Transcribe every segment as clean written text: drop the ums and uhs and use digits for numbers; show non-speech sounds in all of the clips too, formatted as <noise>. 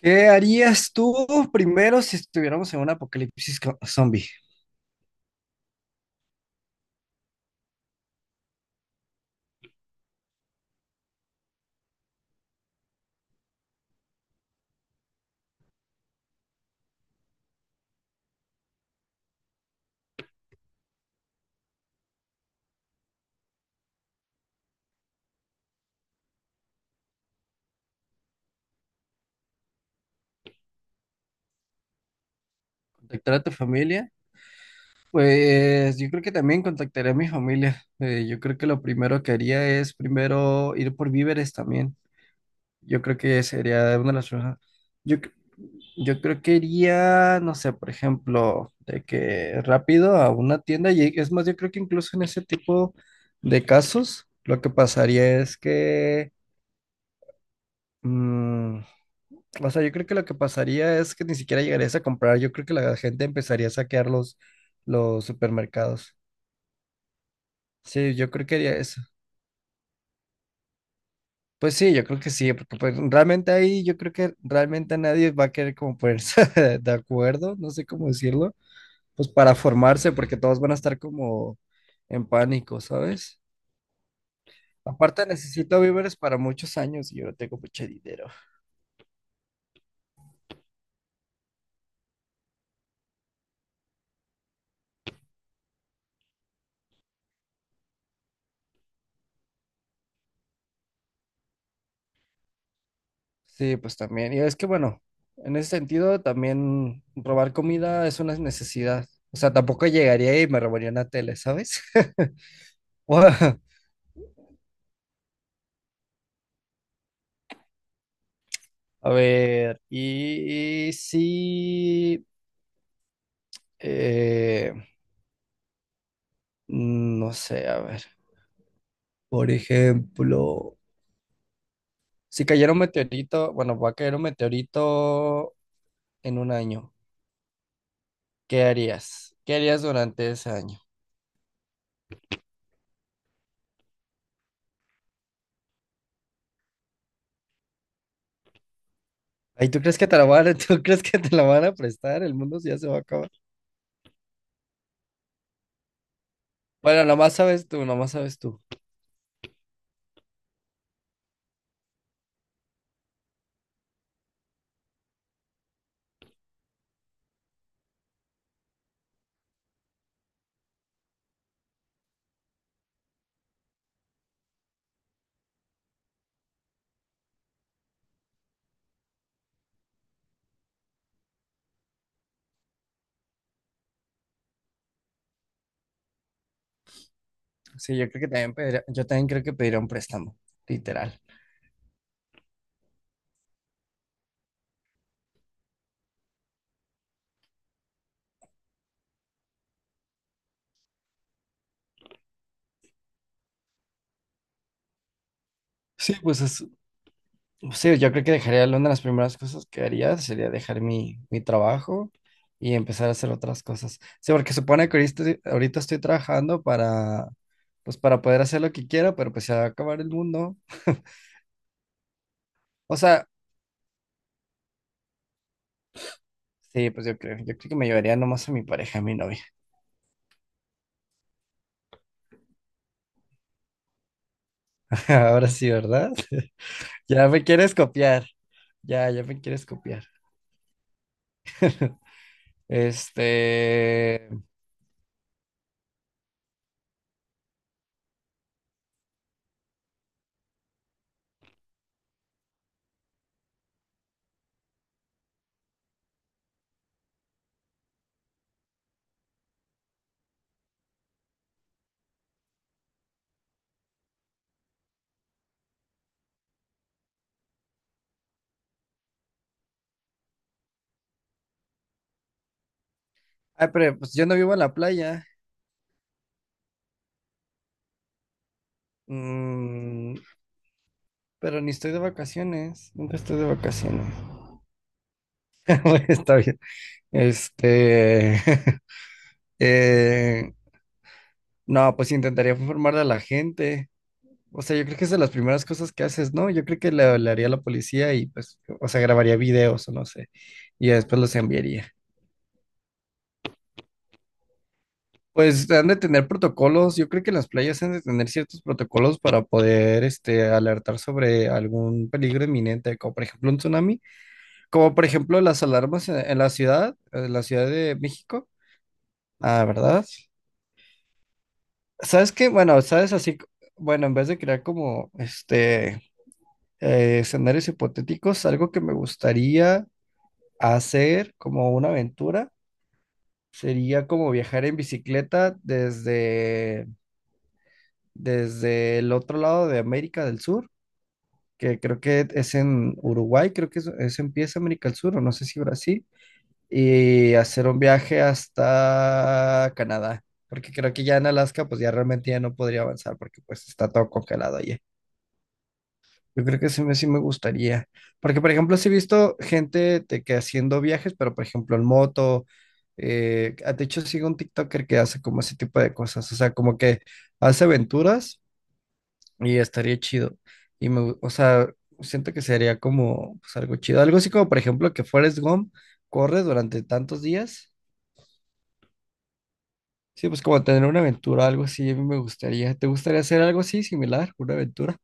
¿Qué harías tú primero si estuviéramos en un apocalipsis zombie? ¿Contactar a tu familia? Pues yo creo que también contactaré a mi familia. Yo creo que lo primero que haría es primero ir por víveres también. Yo creo que sería una de las cosas. Yo, cre- yo creo que iría, no sé, por ejemplo, de que rápido a una tienda y es más, yo creo que incluso en ese tipo de casos, lo que pasaría es que mm, o sea, yo creo que lo que pasaría es que ni siquiera llegarías a comprar. Yo creo que la gente empezaría a saquear los supermercados. Sí, yo creo que haría eso. Pues sí, yo creo que sí, porque pues realmente ahí yo creo que realmente nadie va a querer como ponerse <laughs> de acuerdo, no sé cómo decirlo, pues para formarse, porque todos van a estar como en pánico, ¿sabes? Aparte necesito víveres para muchos años y yo no tengo mucho dinero. Sí, pues también. Y es que bueno, en ese sentido también robar comida es una necesidad. O sea, tampoco llegaría y me robaría una tele, ¿sabes? <laughs> Bueno, a ver, y sí, eh, no sé, a ver, por ejemplo, si cayera un meteorito, bueno, va a caer un meteorito en un año, ¿qué harías? ¿Qué harías durante ese año? Ay, ¿tú crees que te la van a, <laughs> ¿tú crees que te la van a prestar? El mundo ya se va a acabar. Bueno, nomás sabes tú, nomás sabes tú. Sí, yo creo que también yo también creo que pediría un préstamo, literal. Sí, pues es, sí, yo creo que dejaría una de las primeras cosas que haría sería dejar mi trabajo y empezar a hacer otras cosas. Sí, porque supone que ahorita, ahorita estoy trabajando para, pues para poder hacer lo que quiera, pero pues se va a acabar el mundo. <laughs> O sea, sí, pues yo creo que me llevaría nomás a mi pareja, a mi novia. <laughs> Ahora sí, ¿verdad? <laughs> Ya me quieres copiar. Ya me quieres copiar. <laughs> Este. Ay, pero pues yo no vivo en la playa. Mm, pero ni estoy de vacaciones. Nunca estoy de vacaciones. <laughs> Bueno, está bien. Este. <laughs> eh, no, pues intentaría informar a la gente. O sea, yo creo que es de las primeras cosas que haces, ¿no? Yo creo que hablaría a la policía y pues, o sea, grabaría videos o no sé. Y ya después los enviaría. Pues han de tener protocolos, yo creo que las playas han de tener ciertos protocolos para poder este, alertar sobre algún peligro inminente, como por ejemplo un tsunami, como por ejemplo las alarmas en la Ciudad de México. Ah, ¿verdad? ¿Sabes qué? Bueno, bueno, en vez de crear como este escenarios hipotéticos, algo que me gustaría hacer como una aventura sería como viajar en bicicleta desde el otro lado de América del Sur, que creo que es en Uruguay, creo que empieza América del Sur, o no sé si Brasil, y hacer un viaje hasta Canadá, porque creo que ya en Alaska pues ya realmente ya no podría avanzar porque pues está todo congelado allá. Yo creo que sí me gustaría, porque por ejemplo sí he visto gente de que haciendo viajes, pero por ejemplo en moto, de hecho sigo un TikToker que hace como ese tipo de cosas, o sea, como que hace aventuras y estaría chido. O sea, siento que sería como pues, algo chido. Algo así como, por ejemplo, que Forrest Gump corre durante tantos días. Sí, pues como tener una aventura, algo así, a mí me gustaría. ¿Te gustaría hacer algo así similar? Una aventura.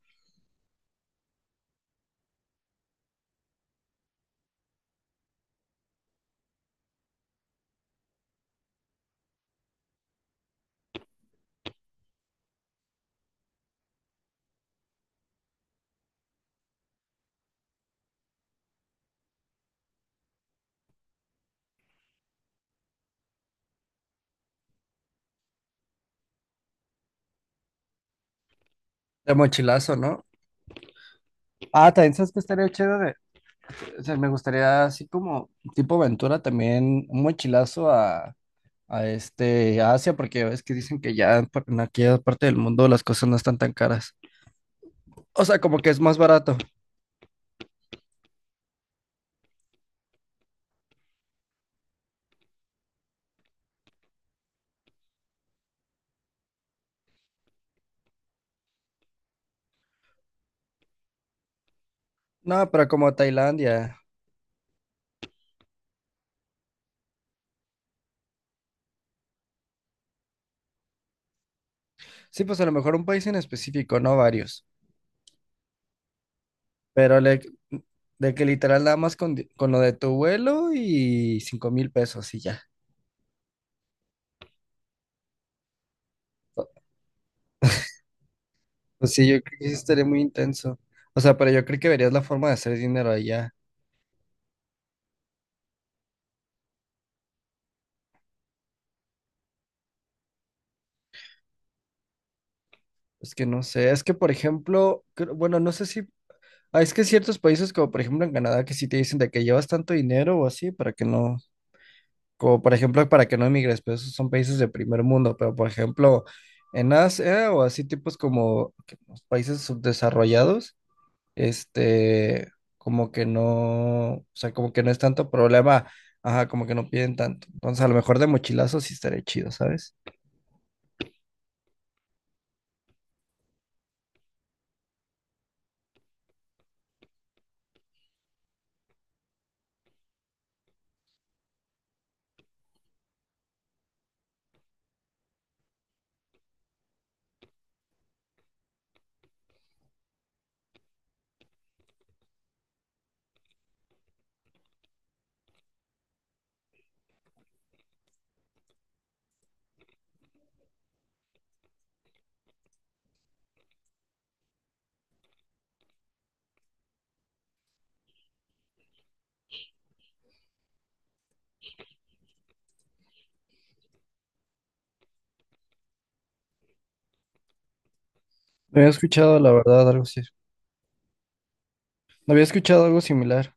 De mochilazo, ¿no? Ah, también sabes que estaría chido de, o sea, me gustaría así como tipo aventura también, un mochilazo a este a Asia, porque ya ves que dicen que ya en aquella parte del mundo las cosas no están tan caras. O sea, como que es más barato. No, pero como Tailandia. Sí, pues a lo mejor un país en específico, no varios. Pero le- de que literal nada más con lo de tu vuelo y 5,000 pesos y ya. Pues sí, yo creo que sí estaría muy intenso. O sea, pero yo creo que verías la forma de hacer dinero allá. Es que no sé, es que por ejemplo, bueno, no sé si, ah, es que ciertos países como por ejemplo en Canadá que sí te dicen de que llevas tanto dinero o así para que no. Como por ejemplo, para que no emigres, pero esos son países de primer mundo, pero por ejemplo, en Asia o así tipos como que los países subdesarrollados, este, como que no, o sea, como que no es tanto problema, ajá, como que no piden tanto. Entonces, a lo mejor de mochilazo sí estaría chido, ¿sabes? No había escuchado, la verdad, algo así. No había escuchado algo similar.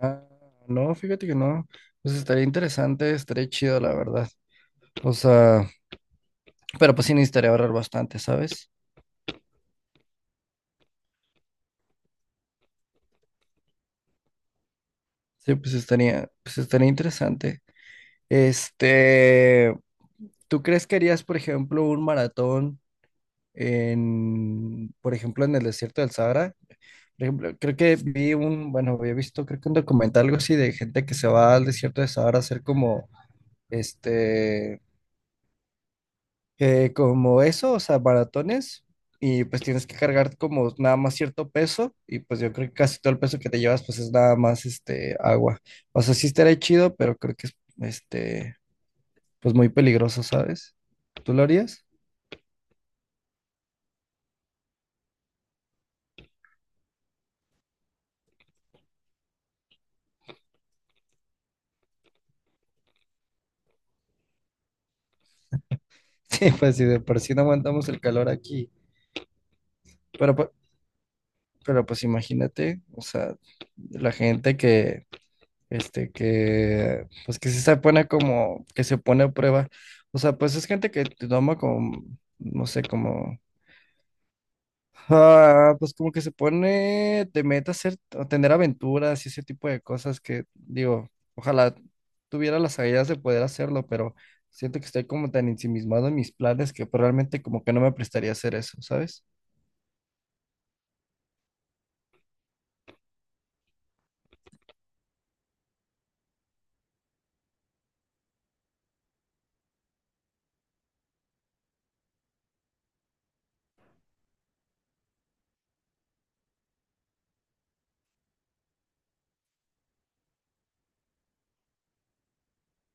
Ah, no, fíjate que no. Pues estaría interesante, estaría chido, la verdad. O sea, pero pues sí necesitaría ahorrar bastante, ¿sabes? Sí, pues estaría interesante. Este, ¿tú crees que harías, por ejemplo, un maratón en, por ejemplo, en el desierto del Sahara? Por ejemplo, creo que vi un, bueno, había visto, creo que un documental, algo así, de gente que se va al desierto del Sahara a hacer como, este, como eso, o sea, maratones, y pues tienes que cargar como nada más cierto peso, y pues yo creo que casi todo el peso que te llevas pues es nada más este agua. O sea, sí estaría chido, pero creo que es este, pues muy peligroso, ¿sabes? ¿Tú lo harías? <laughs> Sí, pues si de por sí no aguantamos el calor aquí, pero, pu- pero pues imagínate, o sea, la gente que, este, que, pues que sí se pone como, que se pone a prueba, o sea, pues es gente que te toma como, no sé, como. Ah, pues como que se pone de meta hacer, o tener aventuras y ese tipo de cosas que digo, ojalá tuviera las ideas de poder hacerlo, pero siento que estoy como tan ensimismado en mis planes que pues, realmente como que no me prestaría a hacer eso, ¿sabes?